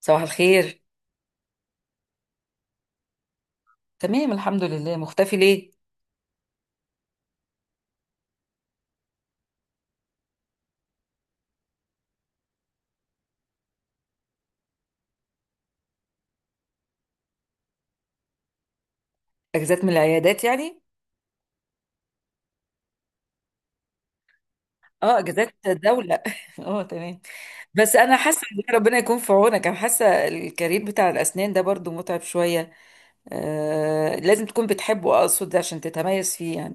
صباح الخير. تمام، الحمد لله. مختفي ليه؟ اجازات من العيادات يعني؟ اه، اجازات دولة اه، تمام. بس انا حاسه إن ربنا يكون في عونك. انا حاسه الكارير بتاع الاسنان ده برضو متعب شويه. آه، لازم تكون بتحبه، اقصد عشان تتميز فيه يعني.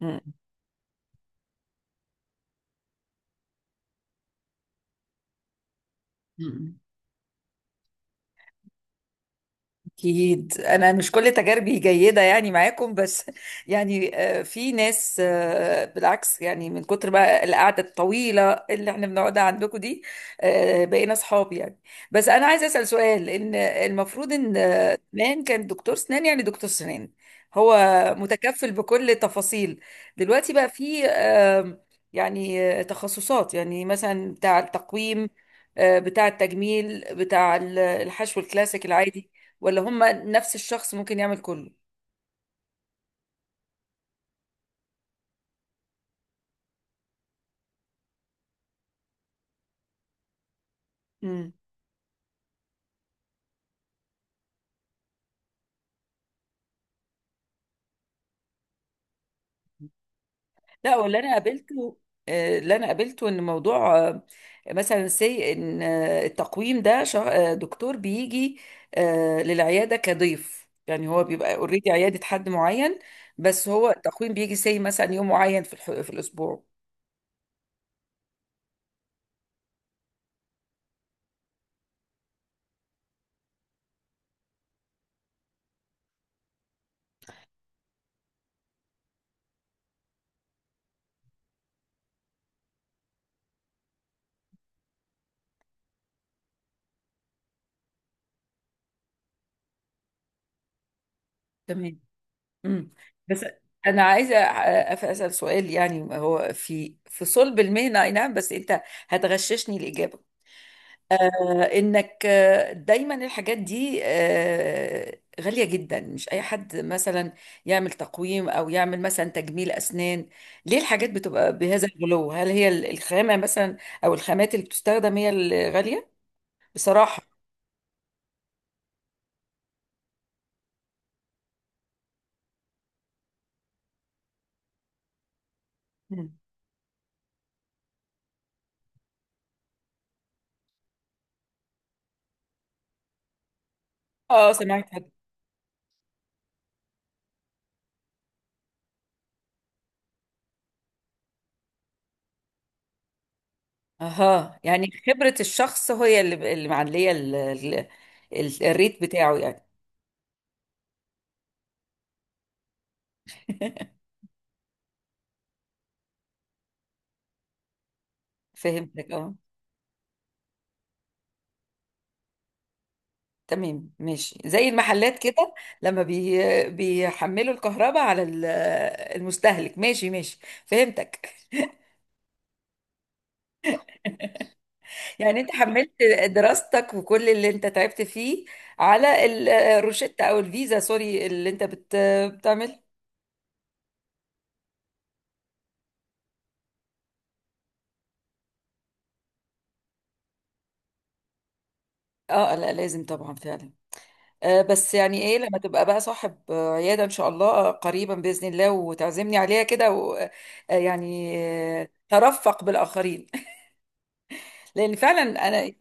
م- م. أكيد أنا مش كل تجاربي جيدة يعني معاكم، بس يعني في ناس بالعكس، يعني من كتر بقى القعدة الطويلة اللي احنا بنقعدها عندكم دي بقينا أصحاب يعني. بس أنا عايزة أسأل سؤال، إن المفروض إن زمان كان دكتور سنان، يعني دكتور سنان هو متكفل بكل تفاصيل. دلوقتي بقى في يعني تخصصات، يعني مثلا بتاع التقويم، بتاع التجميل، بتاع الحشو الكلاسيك العادي، ولا هم نفس الشخص ممكن يعمل كله؟ امم لا، واللي انا قابلته آه، اللي انا قابلته ان موضوع مثلا سي ان التقويم ده دكتور بيجي للعياده كضيف، يعني هو بيبقى اوريدي عياده حد معين. بس هو التقويم بيجي سي مثلا يوم معين في الاسبوع. تمام. امم. بس انا عايزه اسال سؤال، يعني هو في صلب المهنه، اي نعم، بس انت هتغششني الاجابه. انك دايما الحاجات دي غالية جدا. مش اي حد مثلا يعمل تقويم او يعمل مثلا تجميل اسنان. ليه الحاجات بتبقى بهذا الغلو؟ هل هي الخامة مثلا او الخامات اللي بتستخدم هي الغالية، بصراحة؟ مم. اه، سمعت حد. اها، يعني خبرة الشخص هي اللي معلية الريت بتاعه يعني. فهمتك، اه. تمام، ماشي، زي المحلات كده، لما بيحملوا الكهرباء على المستهلك. ماشي ماشي، فهمتك. يعني انت حملت دراستك وكل اللي انت تعبت فيه على الروشتة او الفيزا، سوري، اللي انت بتعمل. اه، لا، لازم طبعا فعلا. بس يعني ايه لما تبقى بقى صاحب عيادة ان شاء الله، قريبا بإذن الله، وتعزمني عليها كده و... آه، يعني ترفق بالآخرين لأن فعلا أنا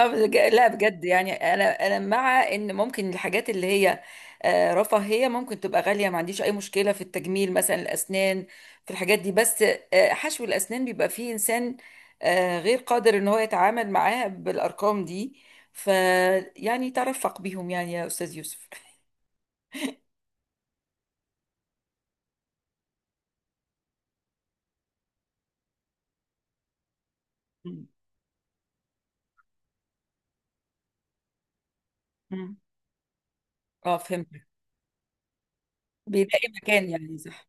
لا بجد، يعني انا مع ان ممكن الحاجات اللي هي رفاهيه ممكن تبقى غاليه، ما عنديش اي مشكله في التجميل مثلا، الاسنان في الحاجات دي، بس حشو الاسنان بيبقى فيه انسان غير قادر ان هو يتعامل معاه بالارقام دي. ف يعني ترفق بيهم يعني، يا استاذ يوسف. مم. مم. اه، فهمت. بيلاقي مكان يعني، صح.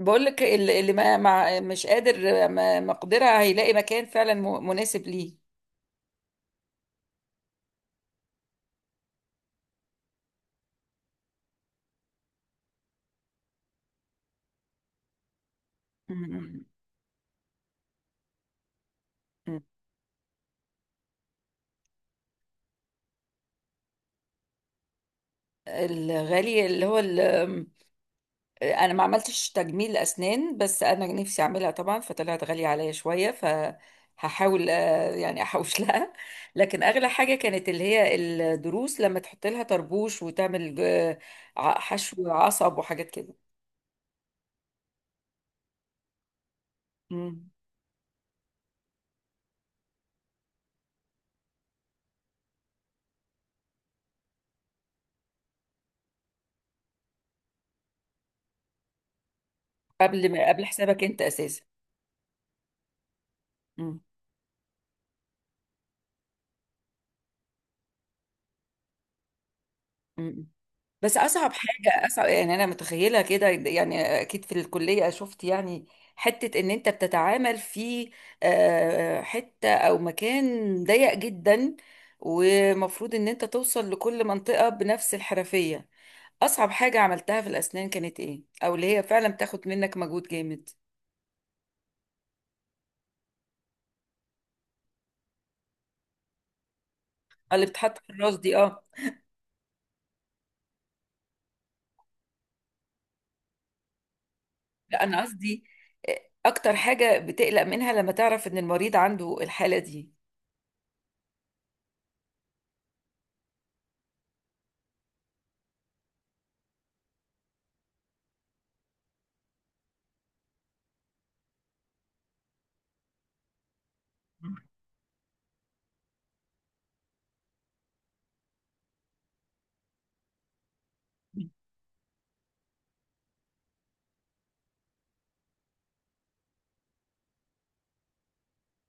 بقول لك اللي ما مع مش قادر ما مقدرة هيلاقي مكان فعلا مناسب ليه. مم. الغالي اللي هو انا ما عملتش تجميل اسنان، بس انا نفسي اعملها طبعا، فطلعت غالية عليا شوية، فهحاول يعني احوش لها. لكن اغلى حاجة كانت اللي هي الضروس، لما تحط لها طربوش وتعمل حشو عصب وحاجات كده. مم. قبل ما قبل حسابك انت اساسا. مم. بس اصعب حاجه اصعب، يعني انا متخيله كده، يعني اكيد في الكليه شفت يعني، حته ان انت بتتعامل في حته او مكان ضيق جدا، ومفروض ان انت توصل لكل منطقه بنفس الحرفيه. اصعب حاجه عملتها في الاسنان كانت ايه؟ او اللي هي فعلا بتاخد منك مجهود جامد. اللي بتحط في الراس دي، اه. لا، انا قصدي آه، اكتر حاجه بتقلق منها لما تعرف ان المريض عنده الحاله دي.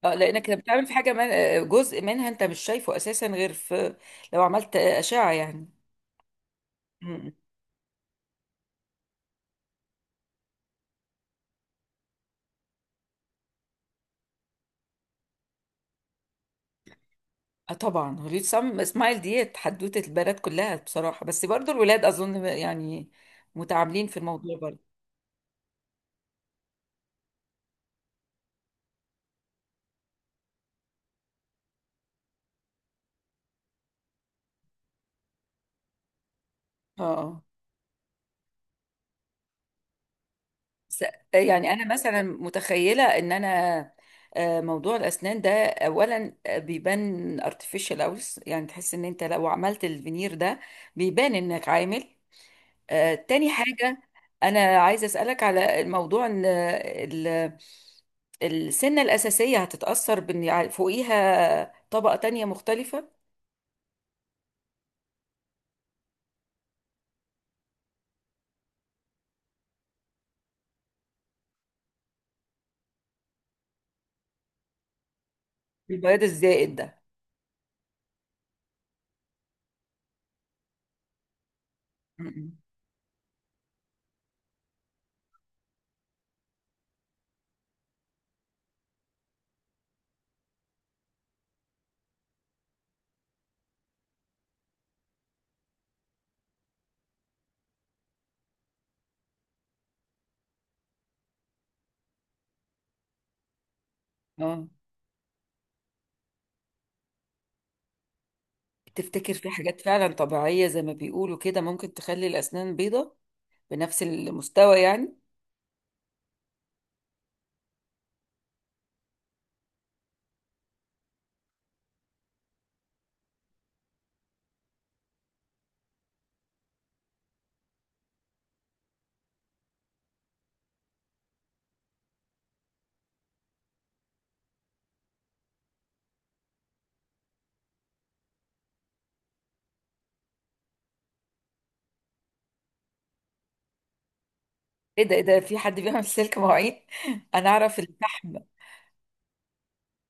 اه، لانك لما بتعمل في حاجه من جزء منها انت مش شايفه اساسا غير في، لو عملت اشعه يعني. مم. اه، طبعا هوليود سم اسماعيل ديت حدوته البنات كلها بصراحه، بس برضو الولاد اظن يعني متعاملين في الموضوع برضو. اه، اه، س- يعني انا مثلا متخيله ان انا موضوع الاسنان ده اولا بيبان ارتفيشال اوس، يعني تحس ان انت لو عملت الفينير ده بيبان انك عامل تاني حاجة. أنا عايزة أسألك على موضوع إن السنة الأساسية هتتأثر بإن فوقيها طبقة تانية مختلفة. البياض الزائد ده. م-م. اه، تفتكر في حاجات فعلا طبيعية زي ما بيقولوا كده ممكن تخلي الأسنان بيضة؟ بنفس المستوى يعني. ايه ده، ايه ده، في حد بيعمل سلك مواعين؟ انا اعرف الفحم.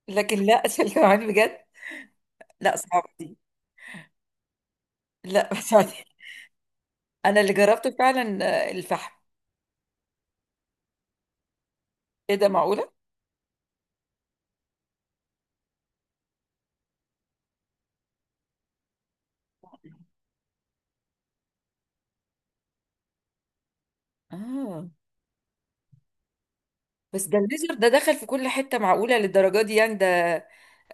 لكن لا، سلك مواعين بجد. لا، صعبة دي. لا صعبة دي. انا اللي جربته فعلا الفحم. ايه ده، معقولة؟ اه، بس ده الليزر ده دخل في كل حتة، معقولة للدرجة دي يعني ده،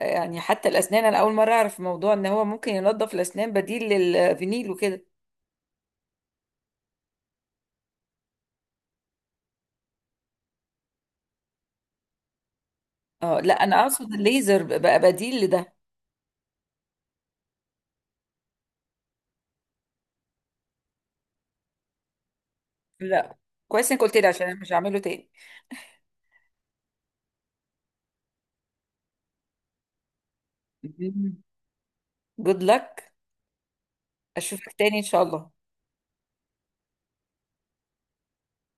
يعني حتى الأسنان أنا أول مرة أعرف موضوع إن هو ممكن ينظف الأسنان بديل للفينيل وكده. اه، لا، أنا أقصد الليزر بقى بديل لده. لا، كويس إنك قلت لي عشان أنا مش هعمله تاني. جود لك، أشوفك تاني إن شاء الله.